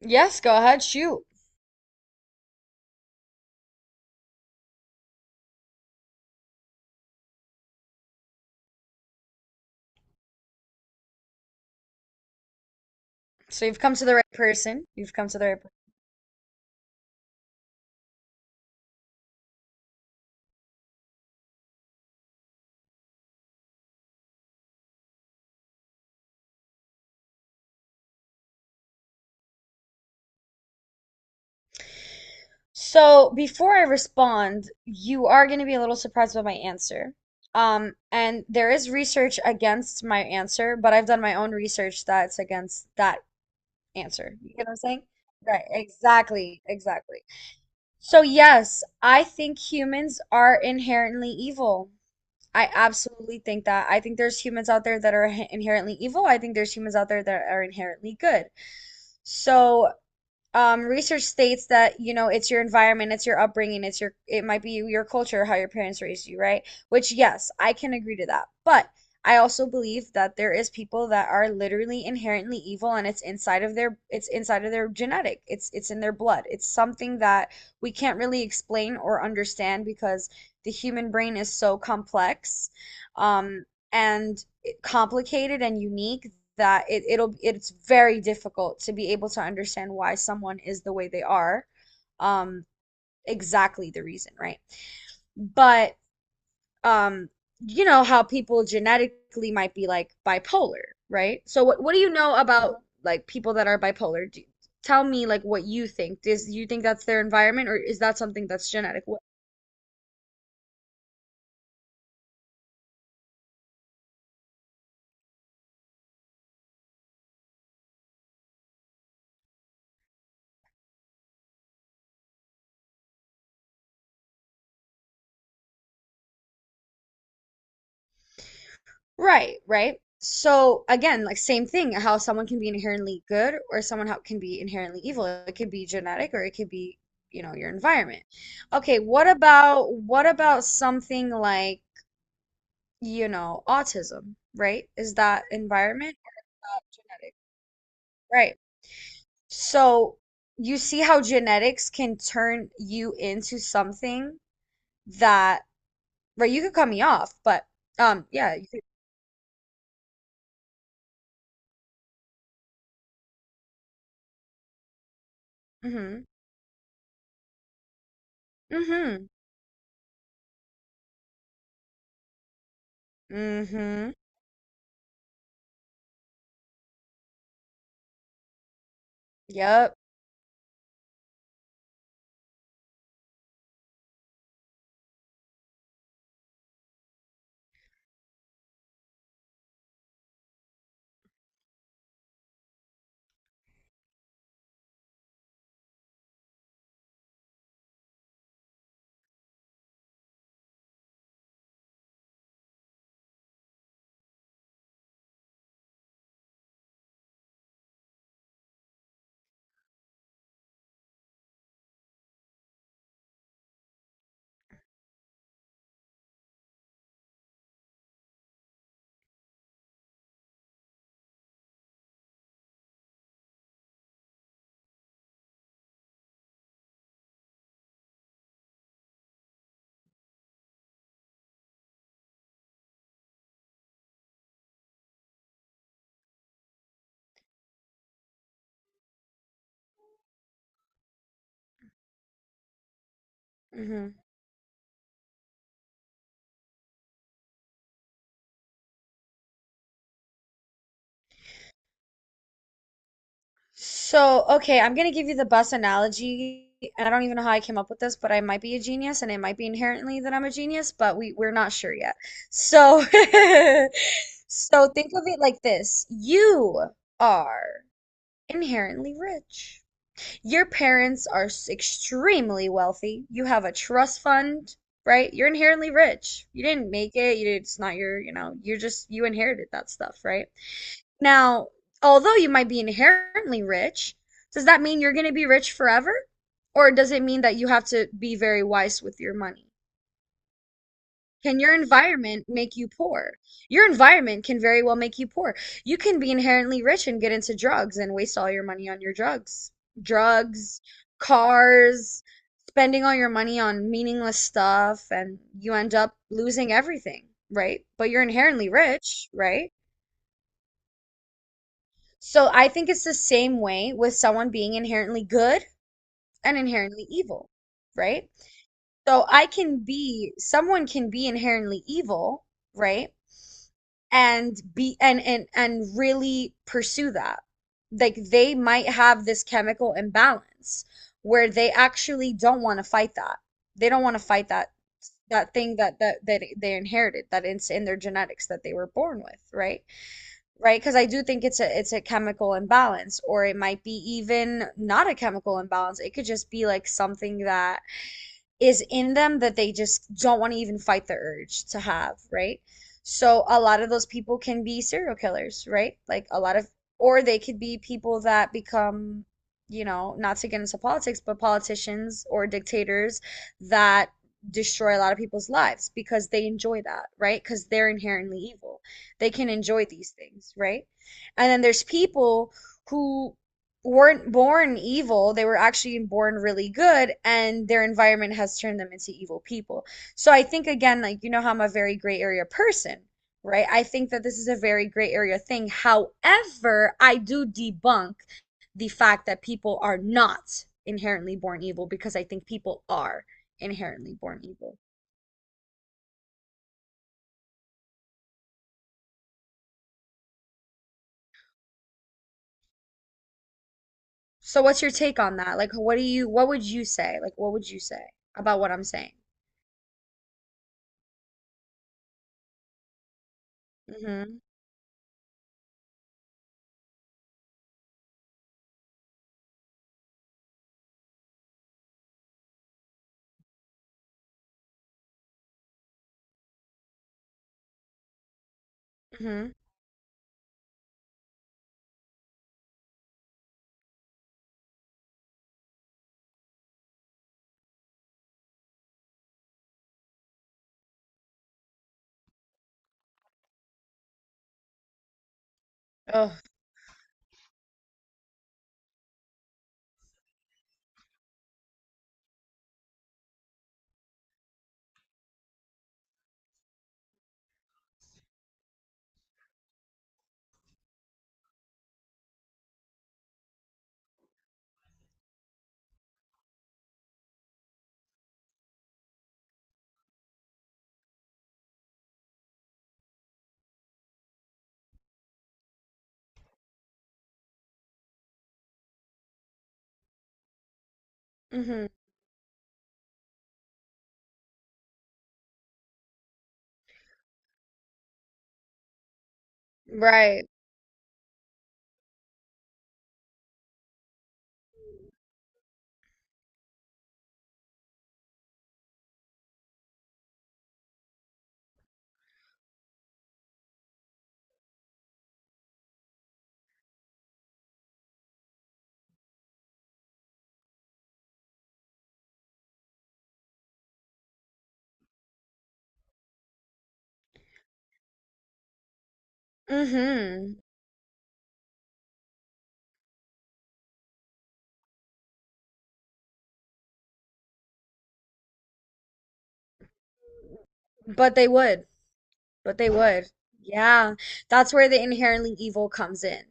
Yes, go ahead, shoot. So you've come to the right person. So before I respond, you are going to be a little surprised by my answer. And there is research against my answer, but I've done my own research that's against that answer. You get what I'm saying? Right, exactly, exactly. So yes, I think humans are inherently evil. I absolutely think that. I think there's humans out there that are inherently evil. I think there's humans out there that are inherently good. So research states that, it's your environment, it's your upbringing, it might be your culture, how your parents raised you, right? Which, yes, I can agree to that. But I also believe that there is people that are literally inherently evil and it's inside of their genetic. It's in their blood. It's something that we can't really explain or understand because the human brain is so complex, um, and complicated and unique that it's very difficult to be able to understand why someone is the way they are. Um, exactly the reason, right? But um, you know how people genetically might be like bipolar, right? So what do you know about like people that are bipolar? Tell me like what you think. Is you think that's their environment or is that something that's genetic? Right, right. So again, like same thing, how someone can be inherently good or someone how can be inherently evil. It could be genetic or it could be, you know, your environment. Okay, what about something like, you know, autism, right? Is that environment or not genetic? Right. So you see how genetics can turn you into something that, right, you could cut me off, but yeah, you could, mm-hmm. Mm-hmm. Mm-hmm. Yep. Hmm. So, okay, I'm gonna give you the bus analogy, and I don't even know how I came up with this, but I might be a genius, and it might be inherently that I'm a genius, but we're not sure yet. So, so think of it like this: you are inherently rich. Your parents are extremely wealthy. You have a trust fund, right? You're inherently rich. You didn't make it. You, it's not your, you know, you're just you inherited that stuff, right? Now, although you might be inherently rich, does that mean you're going to be rich forever? Or does it mean that you have to be very wise with your money? Can your environment make you poor? Your environment can very well make you poor. You can be inherently rich and get into drugs and waste all your money on your drugs. Drugs, cars, spending all your money on meaningless stuff, and you end up losing everything, right? But you're inherently rich, right? So I think it's the same way with someone being inherently good and inherently evil, right? So someone can be inherently evil, right? And be and really pursue that. Like they might have this chemical imbalance where they actually don't want to fight that. They don't want to fight that thing that they inherited, that it's in their genetics that they were born with, right? Right? Because I do think it's a chemical imbalance, or it might be even not a chemical imbalance. It could just be like something that is in them that they just don't want to even fight the urge to have, right? So a lot of those people can be serial killers, right? Or they could be people that become, you know, not to get into politics, but politicians or dictators that destroy a lot of people's lives because they enjoy that, right? Because they're inherently evil. They can enjoy these things, right? And then there's people who weren't born evil. They were actually born really good and their environment has turned them into evil people. So I think again, like, you know how I'm a very gray area person, right? I think that this is a very gray area thing. However, I do debunk the fact that people are not inherently born evil because I think people are inherently born evil. So what's your take on that? Like, what would you say, like what would you say about what I'm saying? Mm-hmm mm-hmm oh. mm-hmm right. Hmm. But they would. But they would. Yeah. That's where the inherently evil comes in.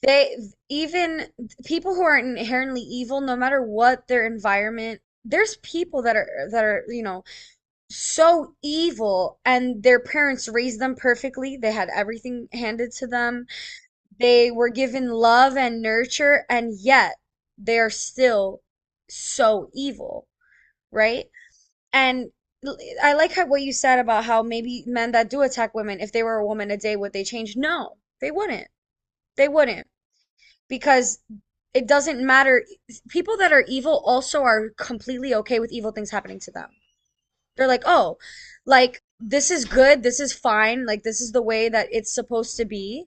They even people who are inherently evil, no matter what their environment, there's people that are you know, so evil and their parents raised them perfectly. They had everything handed to them. They were given love and nurture, and yet they are still so evil, right? And I like how what you said about how maybe men that do attack women, if they were a woman today, would they change? No, they wouldn't. They wouldn't because it doesn't matter. People that are evil also are completely okay with evil things happening to them. They're like, oh, like this is good, this is fine, like this is the way that it's supposed to be.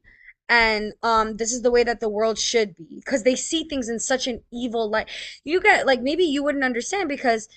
And this is the way that the world should be because they see things in such an evil light. You get like maybe you wouldn't understand because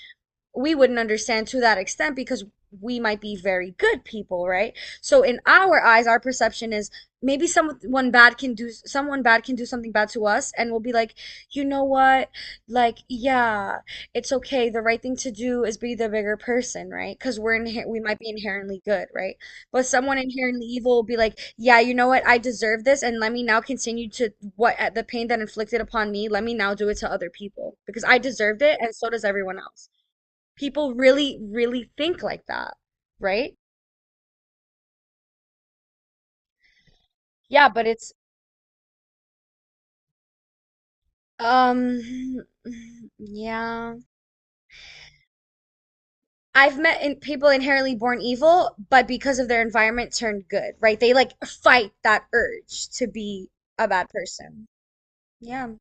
we wouldn't understand to that extent because we might be very good people, right? So in our eyes, our perception is maybe someone bad can do someone bad can do something bad to us, and we'll be like, you know what? Like, yeah, it's okay. The right thing to do is be the bigger person, right? Because we might be inherently good, right? But someone inherently evil will be like, yeah, you know what? I deserve this, and let me now continue to what at the pain that inflicted upon me. Let me now do it to other people because I deserved it, and so does everyone else. People really, really think like that, right? Yeah, but it's um yeah. I've met in people inherently born evil, but because of their environment turned good, right? They like fight that urge to be a bad person. Yeah.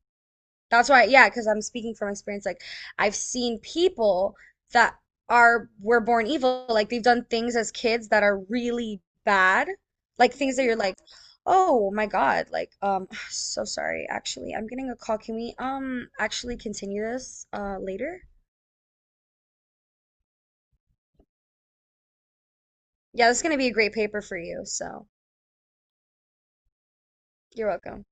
That's why, yeah, because I'm speaking from experience. Like, I've seen people that are were born evil. Like, they've done things as kids that are really bad. Like things that you're like, oh my God. Like, so sorry. Actually, I'm getting a call. Can we actually continue this later? Yeah, this is gonna be a great paper for you. So you're welcome.